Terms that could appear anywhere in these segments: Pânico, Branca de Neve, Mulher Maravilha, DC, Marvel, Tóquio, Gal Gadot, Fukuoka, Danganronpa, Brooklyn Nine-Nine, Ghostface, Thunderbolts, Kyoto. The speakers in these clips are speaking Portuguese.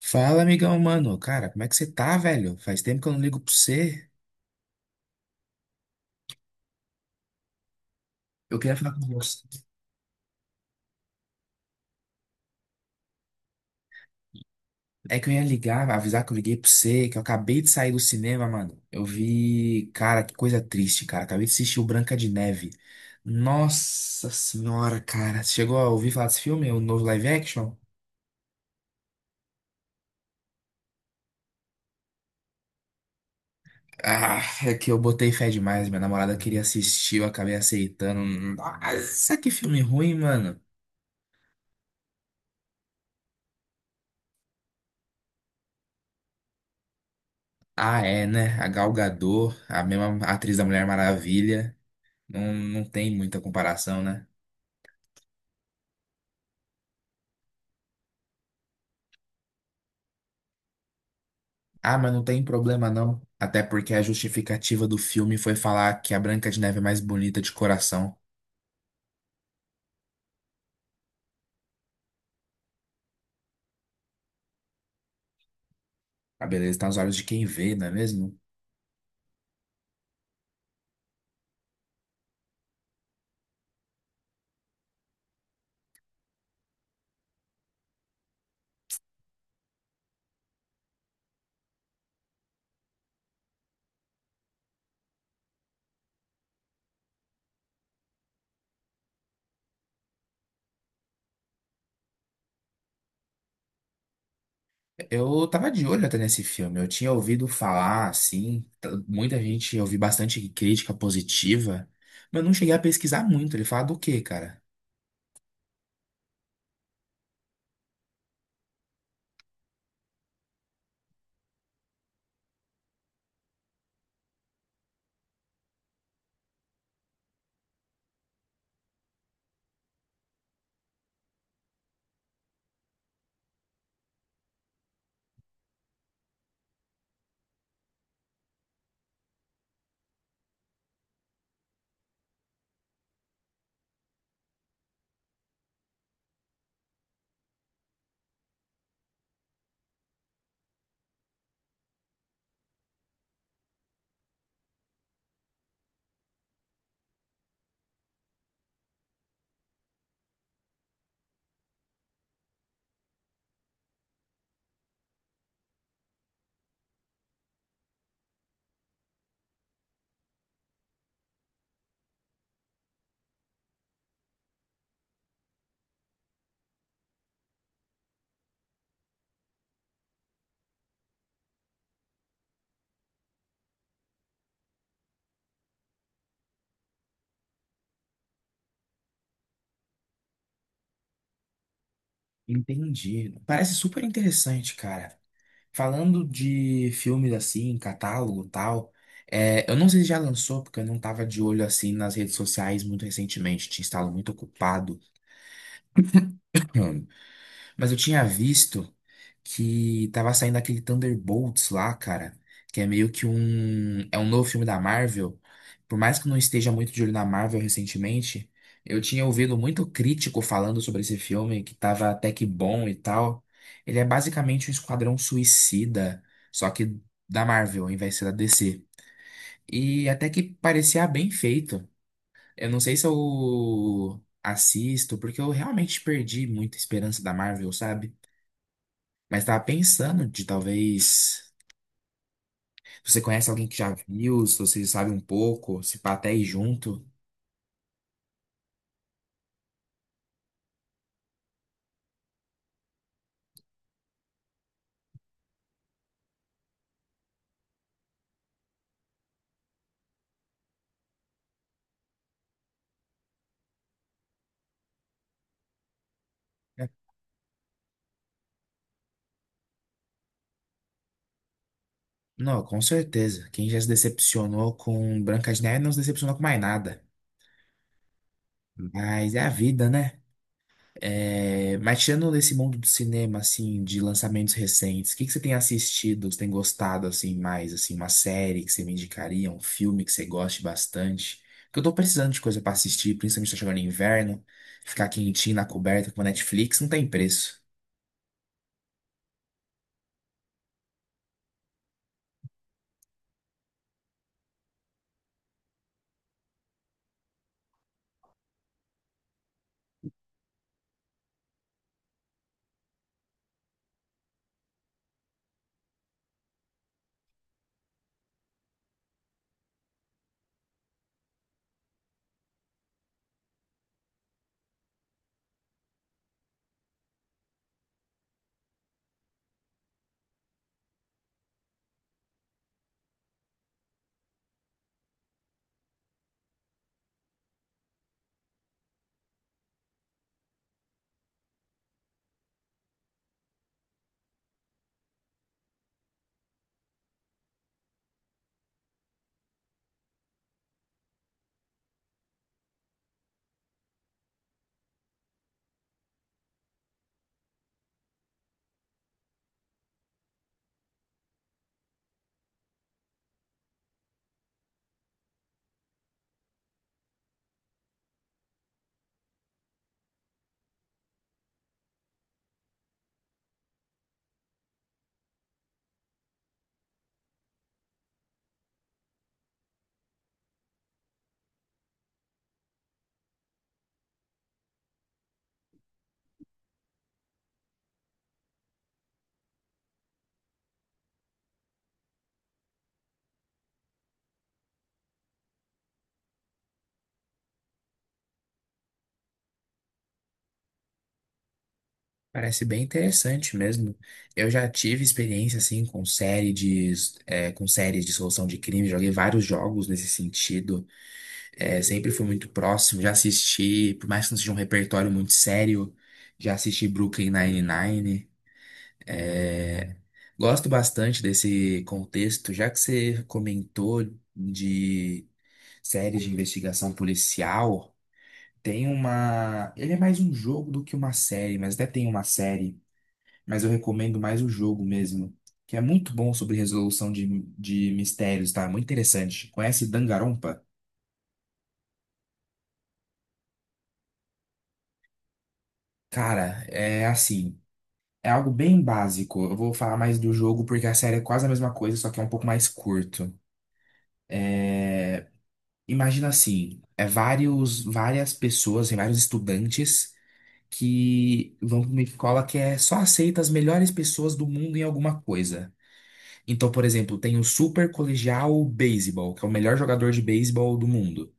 Fala, amigão, mano. Cara, como é que você tá, velho? Faz tempo que eu não ligo pra você. Eu queria falar com você. É que eu ia ligar, avisar que eu liguei pra você, que eu acabei de sair do cinema, mano. Eu vi. Cara, que coisa triste, cara. Acabei de assistir o Branca de Neve. Nossa senhora, cara. Você chegou a ouvir falar desse filme, o novo live action? Ah, é que eu botei fé demais. Minha namorada queria assistir, eu acabei aceitando. Nossa, que filme ruim, mano. Ah, é, né? A Gal Gadot, a mesma atriz da Mulher Maravilha. Não, não tem muita comparação, né? Ah, mas não tem problema não. Até porque a justificativa do filme foi falar que a Branca de Neve é mais bonita de coração. A beleza tá nos olhos de quem vê, não é mesmo? Eu tava de olho até nesse filme. Eu tinha ouvido falar, assim, muita gente, eu vi bastante crítica positiva, mas eu não cheguei a pesquisar muito. Ele fala do quê, cara? Entendi. Parece super interessante, cara. Falando de filmes assim, catálogo e tal, é, eu não sei se já lançou, porque eu não tava de olho assim nas redes sociais muito recentemente, tinha estado muito ocupado. hum, mas eu tinha visto que tava saindo aquele Thunderbolts lá, cara, que é meio que um, é um novo filme da Marvel. Por mais que eu não esteja muito de olho na Marvel recentemente, eu tinha ouvido muito crítico falando sobre esse filme, que tava até que bom e tal. Ele é basicamente um esquadrão suicida, só que da Marvel, ao invés de ser da DC. E até que parecia bem feito. Eu não sei se eu assisto, porque eu realmente perdi muita esperança da Marvel, sabe? Mas tava pensando de talvez. Se você conhece alguém que já viu, se você sabe um pouco, se pá até ir junto. É. Não, com certeza. Quem já se decepcionou com Branca de Neve não se decepcionou com mais nada. Mas é a vida, né? É, mas tirando desse mundo do cinema, assim, de lançamentos recentes, o que que você tem assistido, você tem gostado, assim, mais, assim, uma série que você me indicaria, um filme que você goste bastante? Porque eu tô precisando de coisa pra assistir, principalmente tá chegando inverno, ficar quentinho na coberta com a Netflix não tem preço. Parece bem interessante mesmo. Eu já tive experiência assim com é, com séries de solução de crime, joguei vários jogos nesse sentido. É, sempre fui muito próximo, já assisti, por mais que não seja um repertório muito sério, já assisti Brooklyn Nine-Nine. É, gosto bastante desse contexto, já que você comentou de séries de investigação policial. Tem uma. Ele é mais um jogo do que uma série, mas até tem uma série, mas eu recomendo mais o jogo mesmo, que é muito bom sobre de mistérios, tá? Muito interessante. Conhece Danganronpa? Cara, é assim, é algo bem básico. Eu vou falar mais do jogo porque a série é quase a mesma coisa, só que é um pouco mais curto. É, imagina assim, é várias pessoas, e vários estudantes que vão para uma escola que é só aceita as melhores pessoas do mundo em alguma coisa. Então, por exemplo, tem o Super Colegial Baseball, que é o melhor jogador de beisebol do mundo.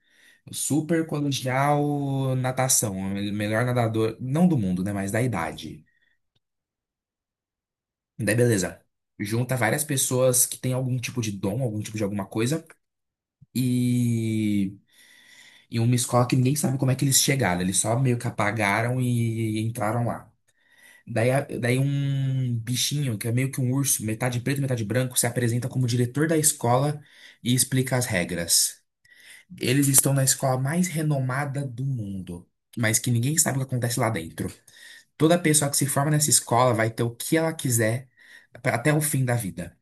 Super colegial natação, é o melhor nadador, não do mundo, né, mas da idade. Daí beleza. Junta várias pessoas que têm algum tipo de dom, algum tipo de alguma coisa, e, e uma escola que ninguém sabe como é que eles chegaram, eles só meio que apagaram e entraram lá. Daí um bichinho, que é meio que um urso, metade preto, metade branco, se apresenta como diretor da escola e explica as regras. Eles estão na escola mais renomada do mundo, mas que ninguém sabe o que acontece lá dentro. Toda pessoa que se forma nessa escola vai ter o que ela quiser até o fim da vida.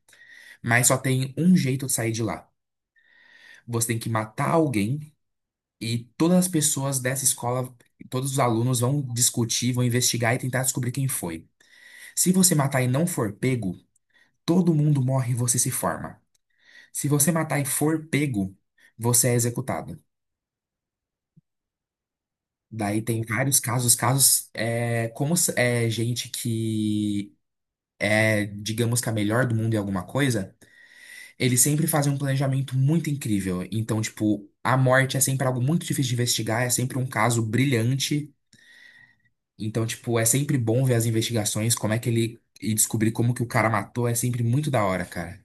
Mas só tem um jeito de sair de lá. Você tem que matar alguém e todas as pessoas dessa escola, todos os alunos vão discutir, vão investigar e tentar descobrir quem foi. Se você matar e não for pego, todo mundo morre e você se forma. Se você matar e for pego, você é executado. Daí tem vários casos é, como é gente que é, digamos que a melhor do mundo em alguma coisa. Eles sempre fazem um planejamento muito incrível. Então, tipo, a morte é sempre algo muito difícil de investigar, é sempre um caso brilhante. Então, tipo, é sempre bom ver as investigações, como é que ele. E descobrir como que o cara matou é sempre muito da hora, cara.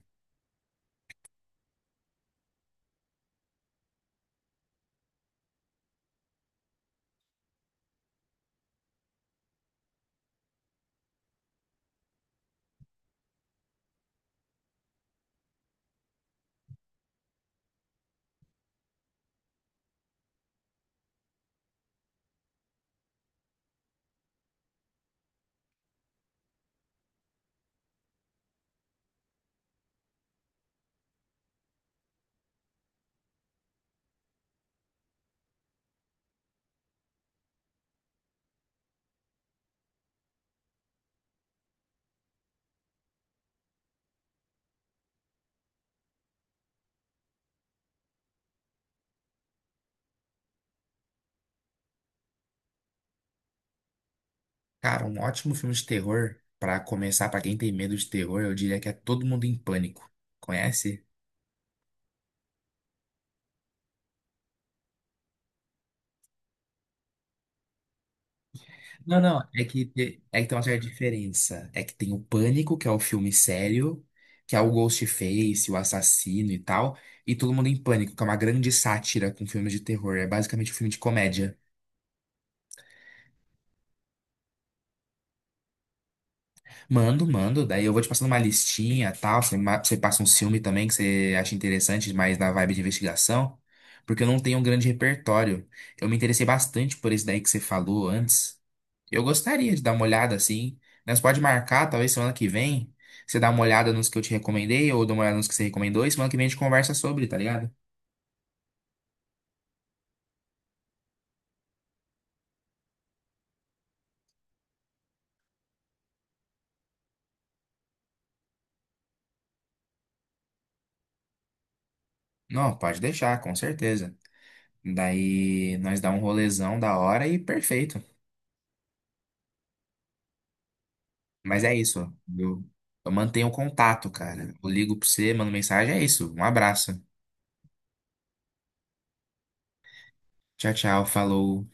Cara, um ótimo filme de terror, pra começar, pra quem tem medo de terror, eu diria que é Todo Mundo em Pânico. Conhece? Não, não, é que tem uma certa diferença. É que tem o Pânico, que é o filme sério, que é o Ghostface, o assassino e tal, e Todo Mundo em Pânico, que é uma grande sátira com filmes de terror. É basicamente um filme de comédia. Mando, mando, daí eu vou te passando uma listinha e tal. Você, você passa um filme também que você acha interessante, mas na vibe de investigação, porque eu não tenho um grande repertório. Eu me interessei bastante por esse daí que você falou antes. Eu gostaria de dar uma olhada assim. Nós pode marcar, talvez semana que vem, você dá uma olhada nos que eu te recomendei ou dá uma olhada nos que você recomendou e semana que vem a gente conversa sobre, tá ligado? Não, pode deixar, com certeza. Daí nós dá um rolezão da hora e perfeito. Mas é isso. Eu, eu mantenho o contato, cara. Eu ligo pra você, mando mensagem, é isso. Um abraço. Tchau, tchau, falou.